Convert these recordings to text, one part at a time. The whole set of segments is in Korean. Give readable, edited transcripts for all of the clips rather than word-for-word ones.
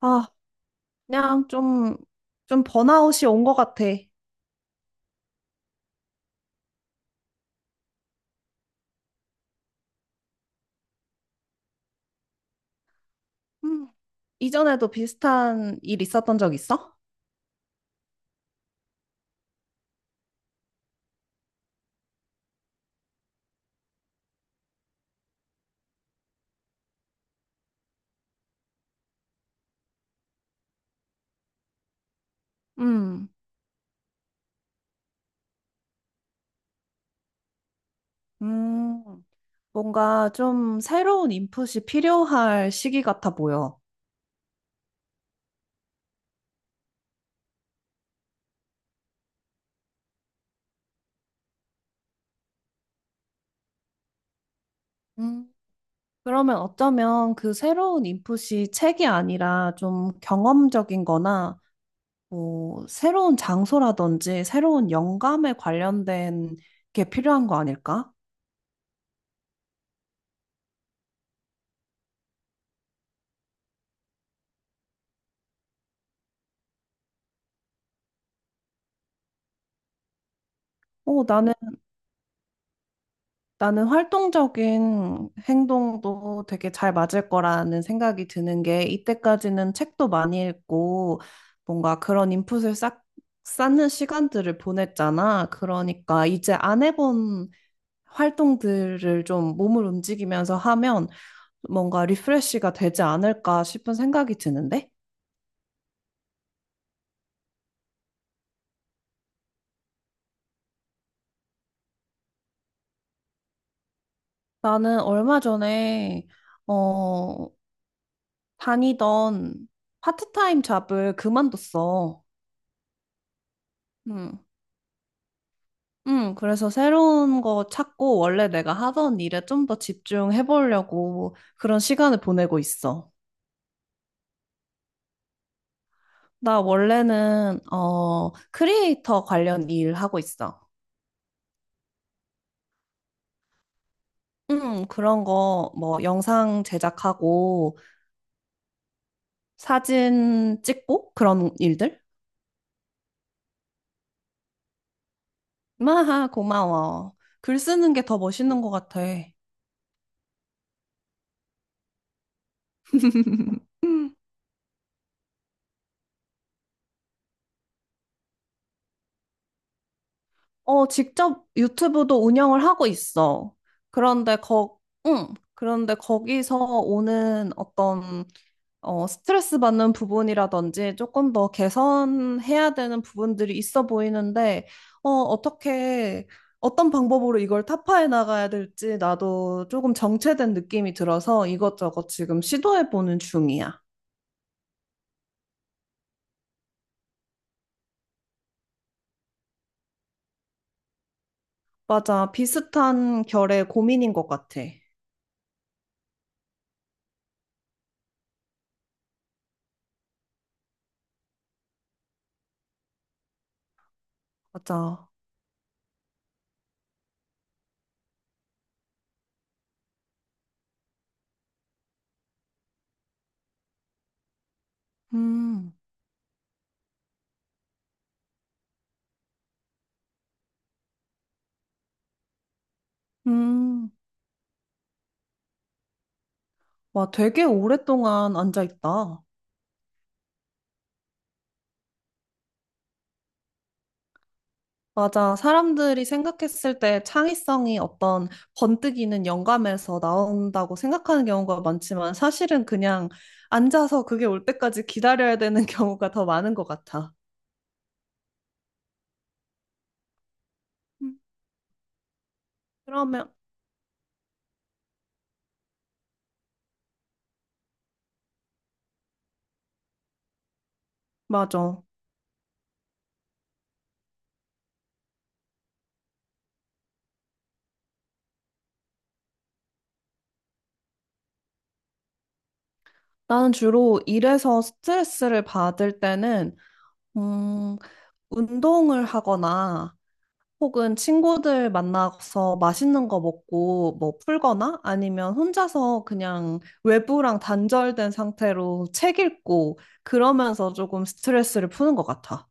아, 그냥 좀 번아웃이 온 것 같아. 음, 이전에도 비슷한 일 있었던 적 있어? 음, 음, 뭔가 좀 새로운 인풋이 필요할 시기 같아 보여. 음, 그러면 어쩌면 그 새로운 인풋이 책이 아니라 좀 경험적인 거나 뭐 새로운 장소라든지 새로운 영감에 관련된 게 필요한 거 아닐까? 어, 나는 나는 활동적인 행동도 되게 잘 맞을 거라는 생각이 드는 게 이때까지는 책도 많이 읽고 뭔가 그런 인풋을 싹 쌓는 시간들을 보냈잖아. 그러니까 이제 안 해본 활동들을 좀 몸을 움직이면서 하면 뭔가 리프레시가 되지 않을까 싶은 생각이 드는데 나는 얼마 전에 어 다니던 파트타임 잡을 그만뒀어. 음. 그래서 새로운 거 찾고 원래 내가 하던 일에 좀 더 집중해 보려고 그런 시간을 보내고 있어. 나 원래는 크리에이터 관련 일 하고 있어. 그런 거 뭐 영상 제작하고 사진 찍고 그런 일들? 마하, 고마워. 글 쓰는 게 더 멋있는 것 같아. 직접 유튜브도 운영을 하고 있어. 그런데 거, 응. 그런데 거기서 오는 어떤 스트레스 받는 부분이라든지 조금 더 개선해야 되는 부분들이 있어 보이는데, 어, 어떻게, 어떤 방법으로 이걸 타파해 나가야 될지 나도 조금 정체된 느낌이 들어서 이것저것 지금 시도해 보는 중이야. 맞아. 비슷한 결의 고민인 것 같아. 맞아. 음. 음. 와, 되게 오랫동안 앉아있다. 맞아. 사람들이 생각했을 때 창의성이 어떤 번뜩이는 영감에서 나온다고 생각하는 경우가 많지만 사실은 그냥 앉아서 그게 올 때까지 기다려야 되는 경우가 더 많은 것 같아. 음, 그러면, 맞아. 나는 주로 일에서 스트레스를 받을 때는, 음, 운동을 하거나 혹은 친구들 만나서 맛있는 거 먹고 뭐 풀거나 아니면 혼자서 그냥 외부랑 단절된 상태로 책 읽고 그러면서 조금 스트레스를 푸는 것 같아.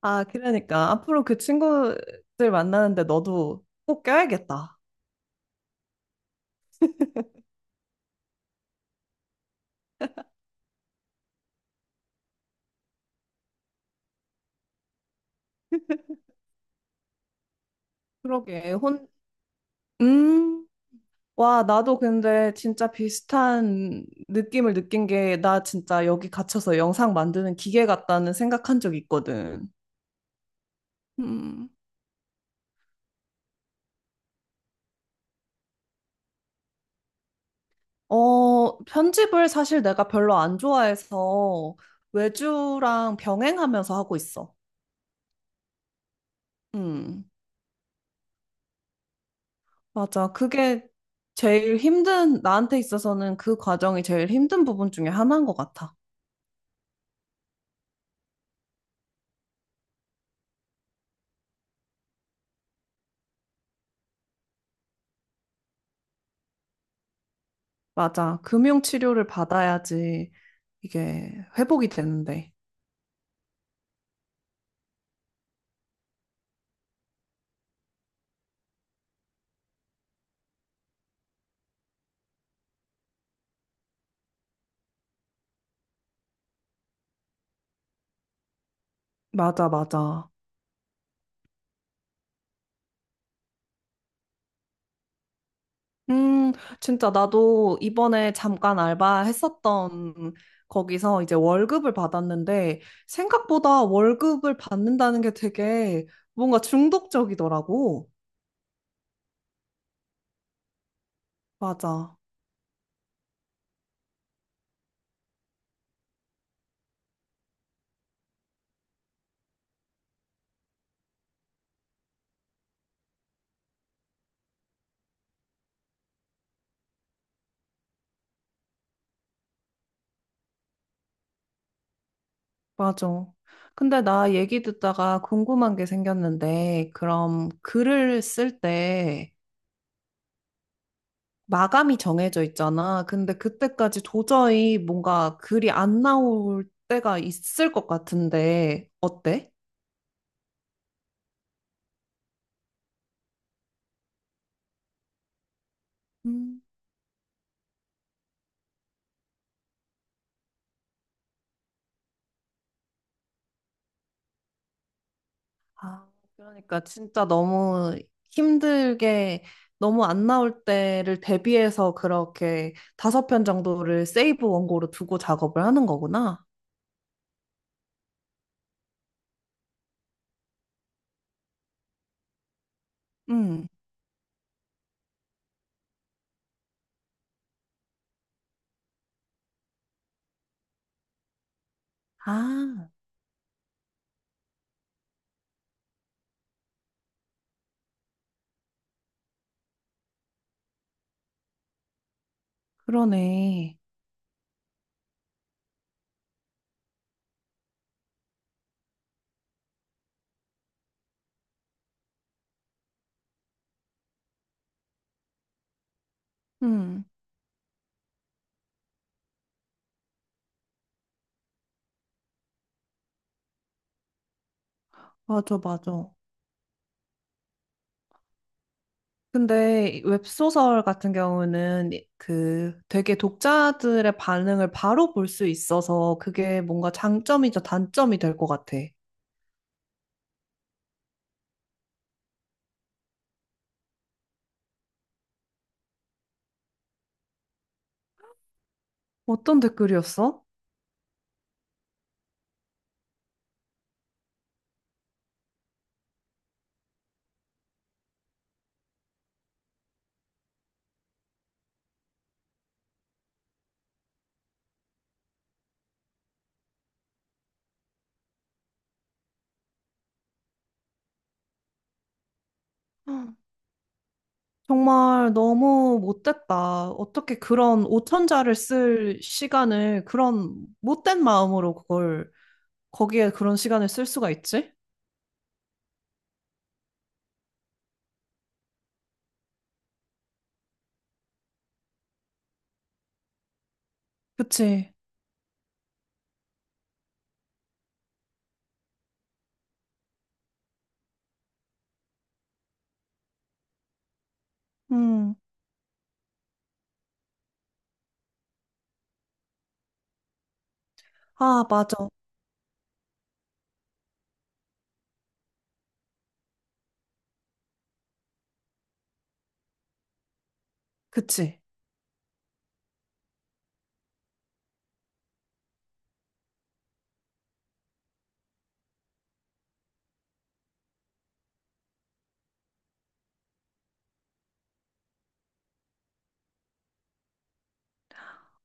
아, 그러니까 앞으로 그 친구들 만나는데 너도 꼭 껴야겠다. 그러게. 음. 와, 나도 근데 진짜 비슷한 느낌을 느낀 게 나 진짜 여기 갇혀서 영상 만드는 기계 같다는 생각한 적 있거든. 음. 편집을 사실 내가 별로 안 좋아해서 외주랑 병행하면서 하고 있어. 음, 맞아. 그게 제일 힘든, 나한테 있어서는 그 과정이 제일 힘든 부분 중에 하나인 것 같아. 맞아. 금융치료를 받아야지 이게 회복이 되는데. 맞아, 맞아. 음, 진짜 나도 이번에 잠깐 알바했었던 거기서 이제 월급을 받았는데 생각보다 월급을 받는다는 게 되게 뭔가 중독적이더라고. 맞아, 맞아. 근데 나 얘기 듣다가 궁금한 게 생겼는데 그럼 글을 쓸 때 마감이 정해져 있잖아. 근데 그때까지 도저히 뭔가 글이 안 나올 때가 있을 것 같은데 어때? 아, 그러니까 진짜 너무 힘들게 너무 안 나올 때를 대비해서 그렇게 다섯 편 정도를 세이브 원고로 두고 작업을 하는 거구나. 응. 아, 그러네. 응. 맞아, 맞아. 근데 웹소설 같은 경우는 그 되게 독자들의 반응을 바로 볼 수 있어서 그게 뭔가 장점이자 단점이 될 것 같아. 어떤 댓글이었어? 정말 너무 못됐다. 어떻게 그런 오천자를 쓸 시간을 그런 못된 마음으로 그걸 거기에 그런 시간을 쓸 수가 있지? 그치? 음. 아, 맞아. 그치?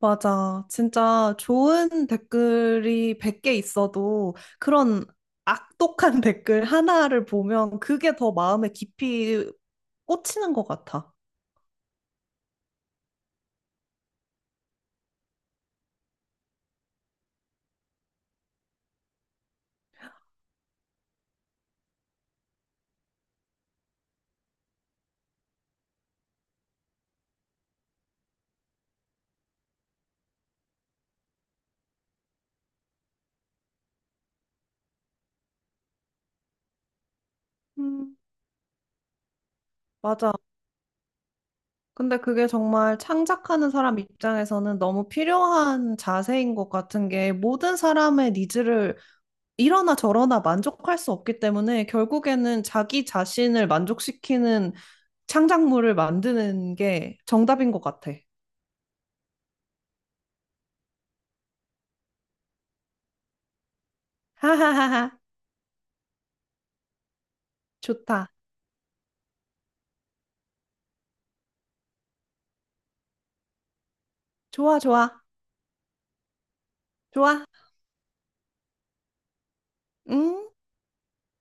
맞아. 진짜 좋은 댓글이 100개 있어도 그런 악독한 댓글 하나를 보면 그게 더 마음에 깊이 꽂히는 것 같아. 음, 맞아. 근데 그게 정말 창작하는 사람 입장에서는 너무 필요한 자세인 것 같은 게 모든 사람의 니즈를 이러나 저러나 만족할 수 없기 때문에 결국에는 자기 자신을 만족시키는 창작물을 만드는 게 정답인 것 같아. 하하하하. 좋다. 좋아, 좋아. 좋아. 응?